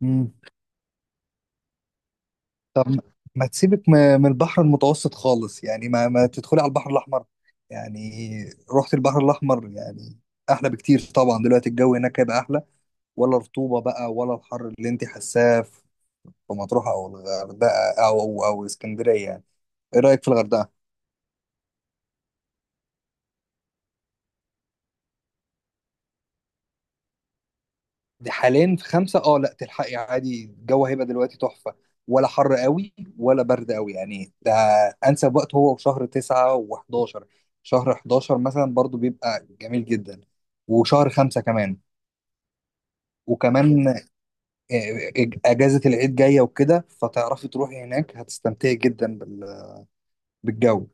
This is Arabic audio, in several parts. مم. طب ما تسيبك من البحر المتوسط خالص، يعني ما تدخلي على البحر الأحمر يعني. رحت البحر الأحمر يعني أحلى بكتير طبعا. دلوقتي الجو هناك هيبقى أحلى، ولا رطوبة بقى ولا الحر اللي أنت حاساه في مطروح أو الغردقة أو اسكندرية يعني. إيه رأيك في الغردقة؟ دي حاليا في خمسة، لا تلحقي عادي. الجو هيبقى دلوقتي تحفة، ولا حر قوي ولا برد قوي يعني. ده أنسب وقت هو في شهر تسعة و11. شهر 11 مثلا برضو بيبقى جميل جدا. وشهر خمسة كمان. وكمان آه، آه، أجازة العيد جاية وكده، فتعرفي تروحي هناك هتستمتعي جدا بالجو.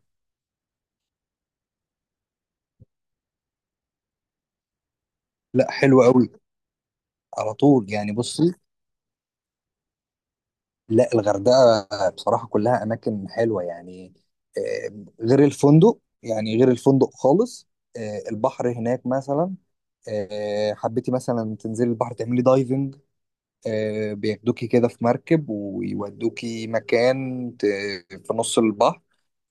لا حلو قوي، على طول يعني. بصي، لا الغردقة بصراحة كلها أماكن حلوة يعني. غير الفندق، يعني غير الفندق خالص. البحر هناك مثلا. حبيتي مثلا تنزلي البحر تعملي دايفنج، بياخدوكي كده في مركب ويودوكي مكان في نص البحر،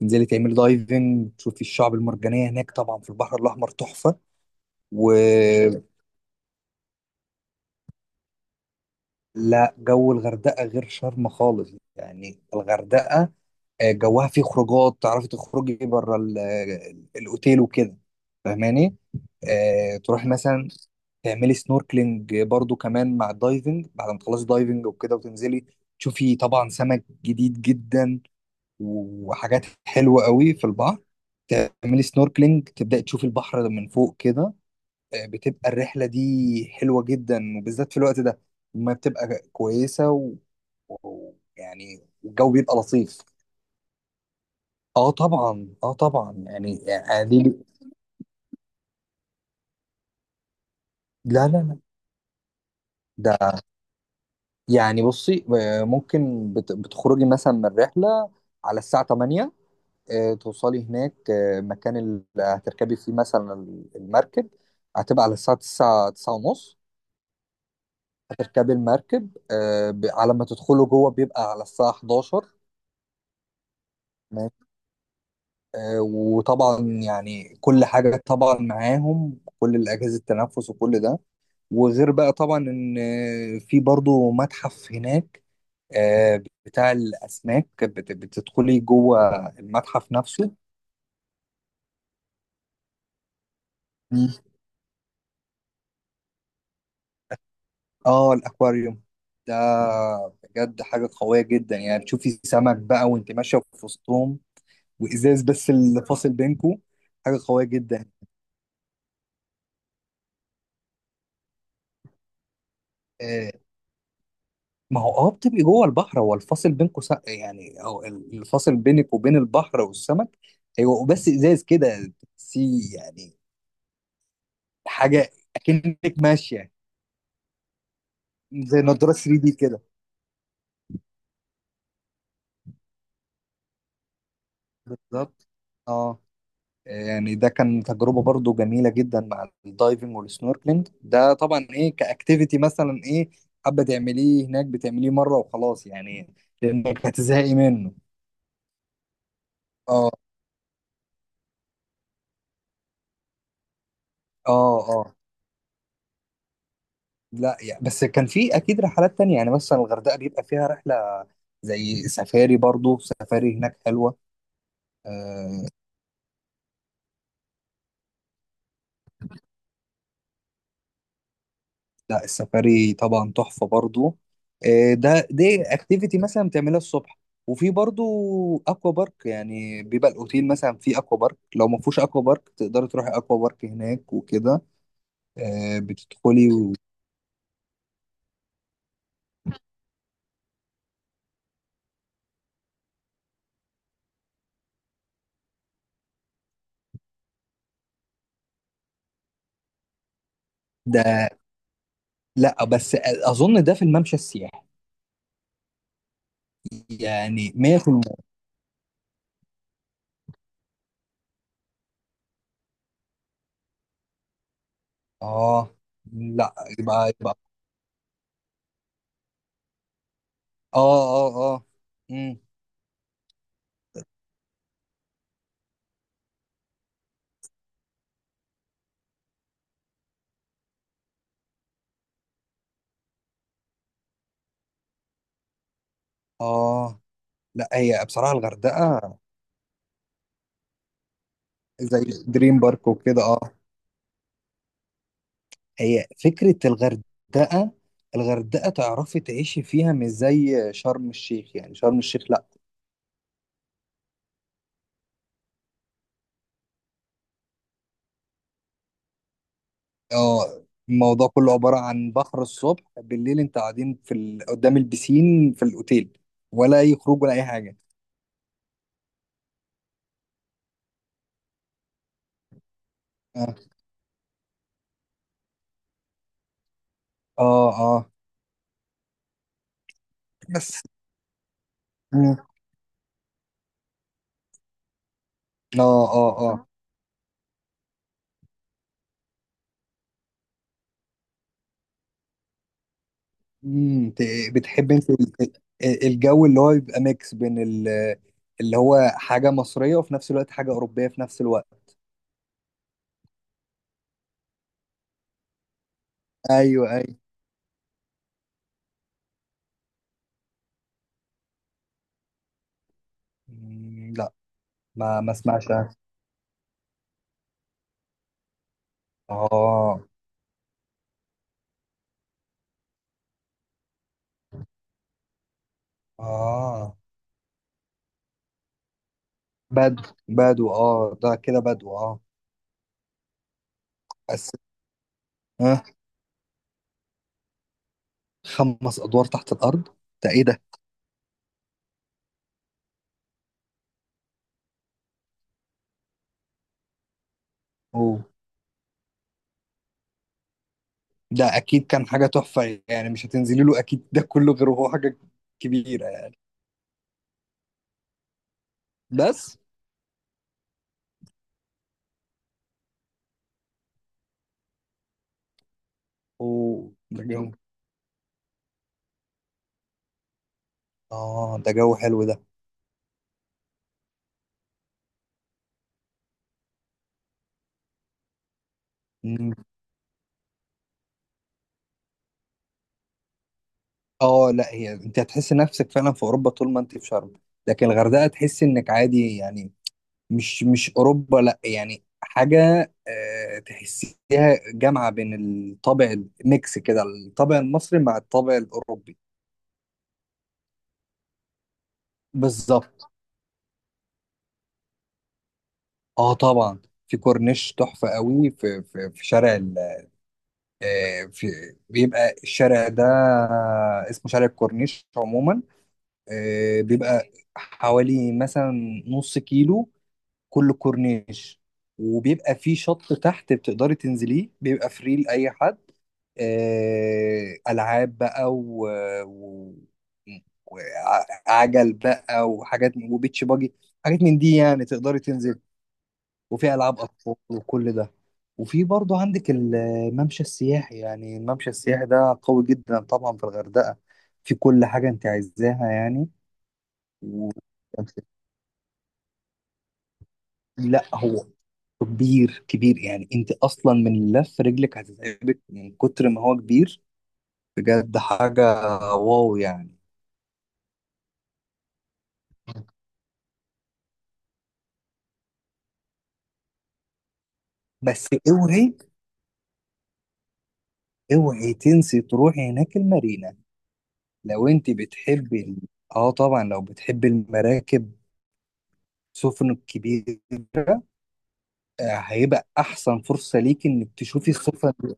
تنزلي تعملي دايفنج تشوفي الشعب المرجانية هناك، طبعا في البحر الأحمر تحفة. ولا جو الغردقة غير شرم خالص. يعني الغردقة، جواها فيه خروجات، تعرفي تخرجي بره الاوتيل وكده، فاهماني. تروحي مثلا تعملي سنوركلينج برضو كمان مع الدايفنج، بعد ما تخلصي دايفنج وكده وتنزلي تشوفي طبعا سمك جديد جدا وحاجات حلوة قوي في البحر. تعملي سنوركلينج تبدأي تشوفي البحر من فوق كده. بتبقى الرحلة دي حلوة جدا، وبالذات في الوقت ده ما بتبقى كويسة، ويعني يعني الجو بيبقى لطيف. اه طبعا يعني دي. لا لا لا. ده يعني بصي، ممكن بتخرجي مثلا من الرحلة على الساعة 8، توصلي هناك مكان اللي هتركبي فيه مثلا المركب هتبقى على الساعة 9، 9 ونص هتركبي المركب. على ما تدخلوا جوه بيبقى على الساعة 11. وطبعا يعني كل حاجة طبعا معاهم، كل الأجهزة التنفس وكل ده. وغير بقى طبعا إن في برضو متحف هناك، بتاع الأسماك، بتدخلي جوه المتحف نفسه. مم. اه الأكواريوم ده بجد حاجة قوية جدا، يعني تشوفي سمك بقى وانت ماشية في وسطهم، وإزاز بس اللي فاصل بينكو. حاجة قوية جدا. آه، ما هو اه بتبقي جوه البحر، هو الفاصل بينكم سق يعني، او الفاصل بينك وبين البحر والسمك هيبقوا بس ازاز كده سي يعني. حاجه اكنك ماشيه زي نضاره 3 دي كده. بالظبط، اه. يعني ده كان تجربه برضو جميله جدا مع الدايفنج والسنوركلينج ده. طبعا ايه كاكتيفيتي مثلا ايه حابه تعمليه هناك، بتعمليه مره وخلاص يعني، لانك هتزهقي منه. اه اه اه. لا يعني، بس كان في اكيد رحلات تانية يعني، مثلا الغردقه بيبقى فيها رحله زي سفاري، برضو سفاري هناك حلوه. آه لا، السفاري طبعا تحفه برضو. آه، ده دي اكتيفيتي مثلا بتعملها الصبح. وفي برضو اكوا بارك، يعني بيبقى الاوتيل مثلا فيه اكوا بارك، لو ما فيهوش اكوا بارك تقدري تروحي اكوا بارك هناك وكده. بتدخلي ده. لا بس اظن ده في الممشى السياحي. يعني 100%. اه لا، يبقى يبقى. اه اه اه. امم. اه لا هي بصراحة الغردقة زي دريم بارك وكده، اه. هي فكرة الغردقة، الغردقة تعرفي تعيشي فيها، مش زي شرم الشيخ، يعني شرم الشيخ لا، اه. الموضوع كله عبارة عن بحر، الصبح بالليل انت قاعدين في قدام البسين في الأوتيل، ولا أي خروج ولا أي حاجة. اه اه. آه. بس. مم. اه اه اه. امم. بتحب انت الجو اللي هو يبقى ميكس بين اللي هو حاجة مصرية، وفي نفس الوقت حاجة أوروبية في نفس الوقت. ايوه ايوه. مم، لا. ما ما اسمعش أنا. اه اه. بدو بدو اه، ده كده بدو اه. بس. آه. خمس ادوار تحت الارض، ده ايه ده؟ اوه، ده اكيد كان حاجة تحفة يعني، مش هتنزلي له اكيد، ده كله غير، وهو حاجة كبيرة يعني. بس. اوه ده جو. اه ده جو حلو. ده اه لا، هي انت هتحس نفسك فعلا في اوروبا طول ما انت في شرم، لكن الغردقه تحس انك عادي يعني، مش مش اوروبا لا، يعني حاجه تحسيها جامعه بين الطابع، الميكس كده الطابع المصري مع الطابع الاوروبي. بالظبط، اه طبعا. في كورنيش تحفه قوي، في شارع ال آه، في بيبقى الشارع ده اسمه شارع الكورنيش عموما. بيبقى حوالي مثلا نص كيلو كل الكورنيش. وبيبقى في شط تحت بتقدري تنزليه، بيبقى فري لأي حد. ألعاب بقى و... وعجل بقى وحاجات وبيتش باجي، حاجات من دي يعني تقدري تنزل. وفي ألعاب أطفال وكل ده. وفي برضو عندك الممشى السياحي، يعني الممشى السياحي ده قوي جدا طبعا في الغردقة. في كل حاجة انت عايزاها يعني. و... لا هو كبير كبير يعني، انت اصلا من لف رجلك هتتعبك من كتر ما هو كبير. بجد حاجه، واو يعني. بس اوعي، اوعي تنسي تروحي هناك المارينا. لو انت اه طبعا، لو بتحبي المراكب، السفن الكبيره، هيبقى احسن فرصه ليك انك تشوفي السفن دي.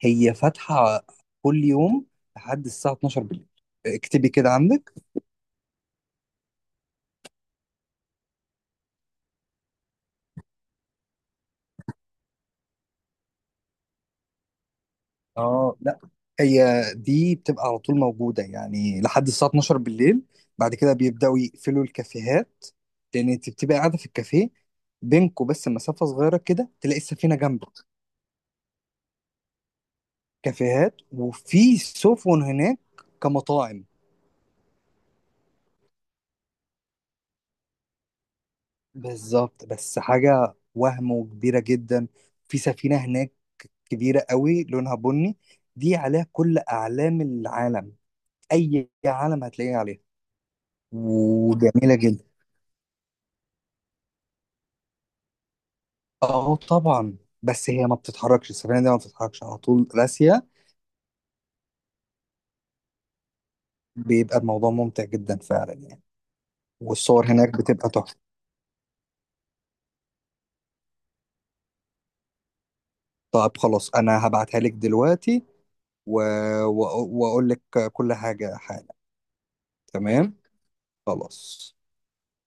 هي فاتحه كل يوم لحد الساعه 12 بالليل. اكتبي كده عندك. اه لا، هي دي بتبقى على طول موجودة يعني لحد الساعة 12 بالليل. بعد كده بيبدأوا يقفلوا الكافيهات، لأن أنت بتبقى قاعدة في الكافيه، بينكوا بس مسافة صغيرة كده تلاقي السفينة جنبك. كافيهات وفي سفن هناك كمطاعم. بالظبط. بس حاجة وهم وكبيرة جدا. في سفينة هناك كبيرة قوي، لونها بني، دي عليها كل أعلام العالم، أي عالم هتلاقيها عليها، وجميلة. اه طبعا. بس هي ما بتتحركش، السفينه دي ما بتتحركش، على طول راسيه. بيبقى الموضوع ممتع جدا فعلا يعني. والصور هناك بتبقى تحفه. طيب خلاص، انا هبعتها لك دلوقتي، و... واقول لك كل حاجه حالا. تمام. خلاص.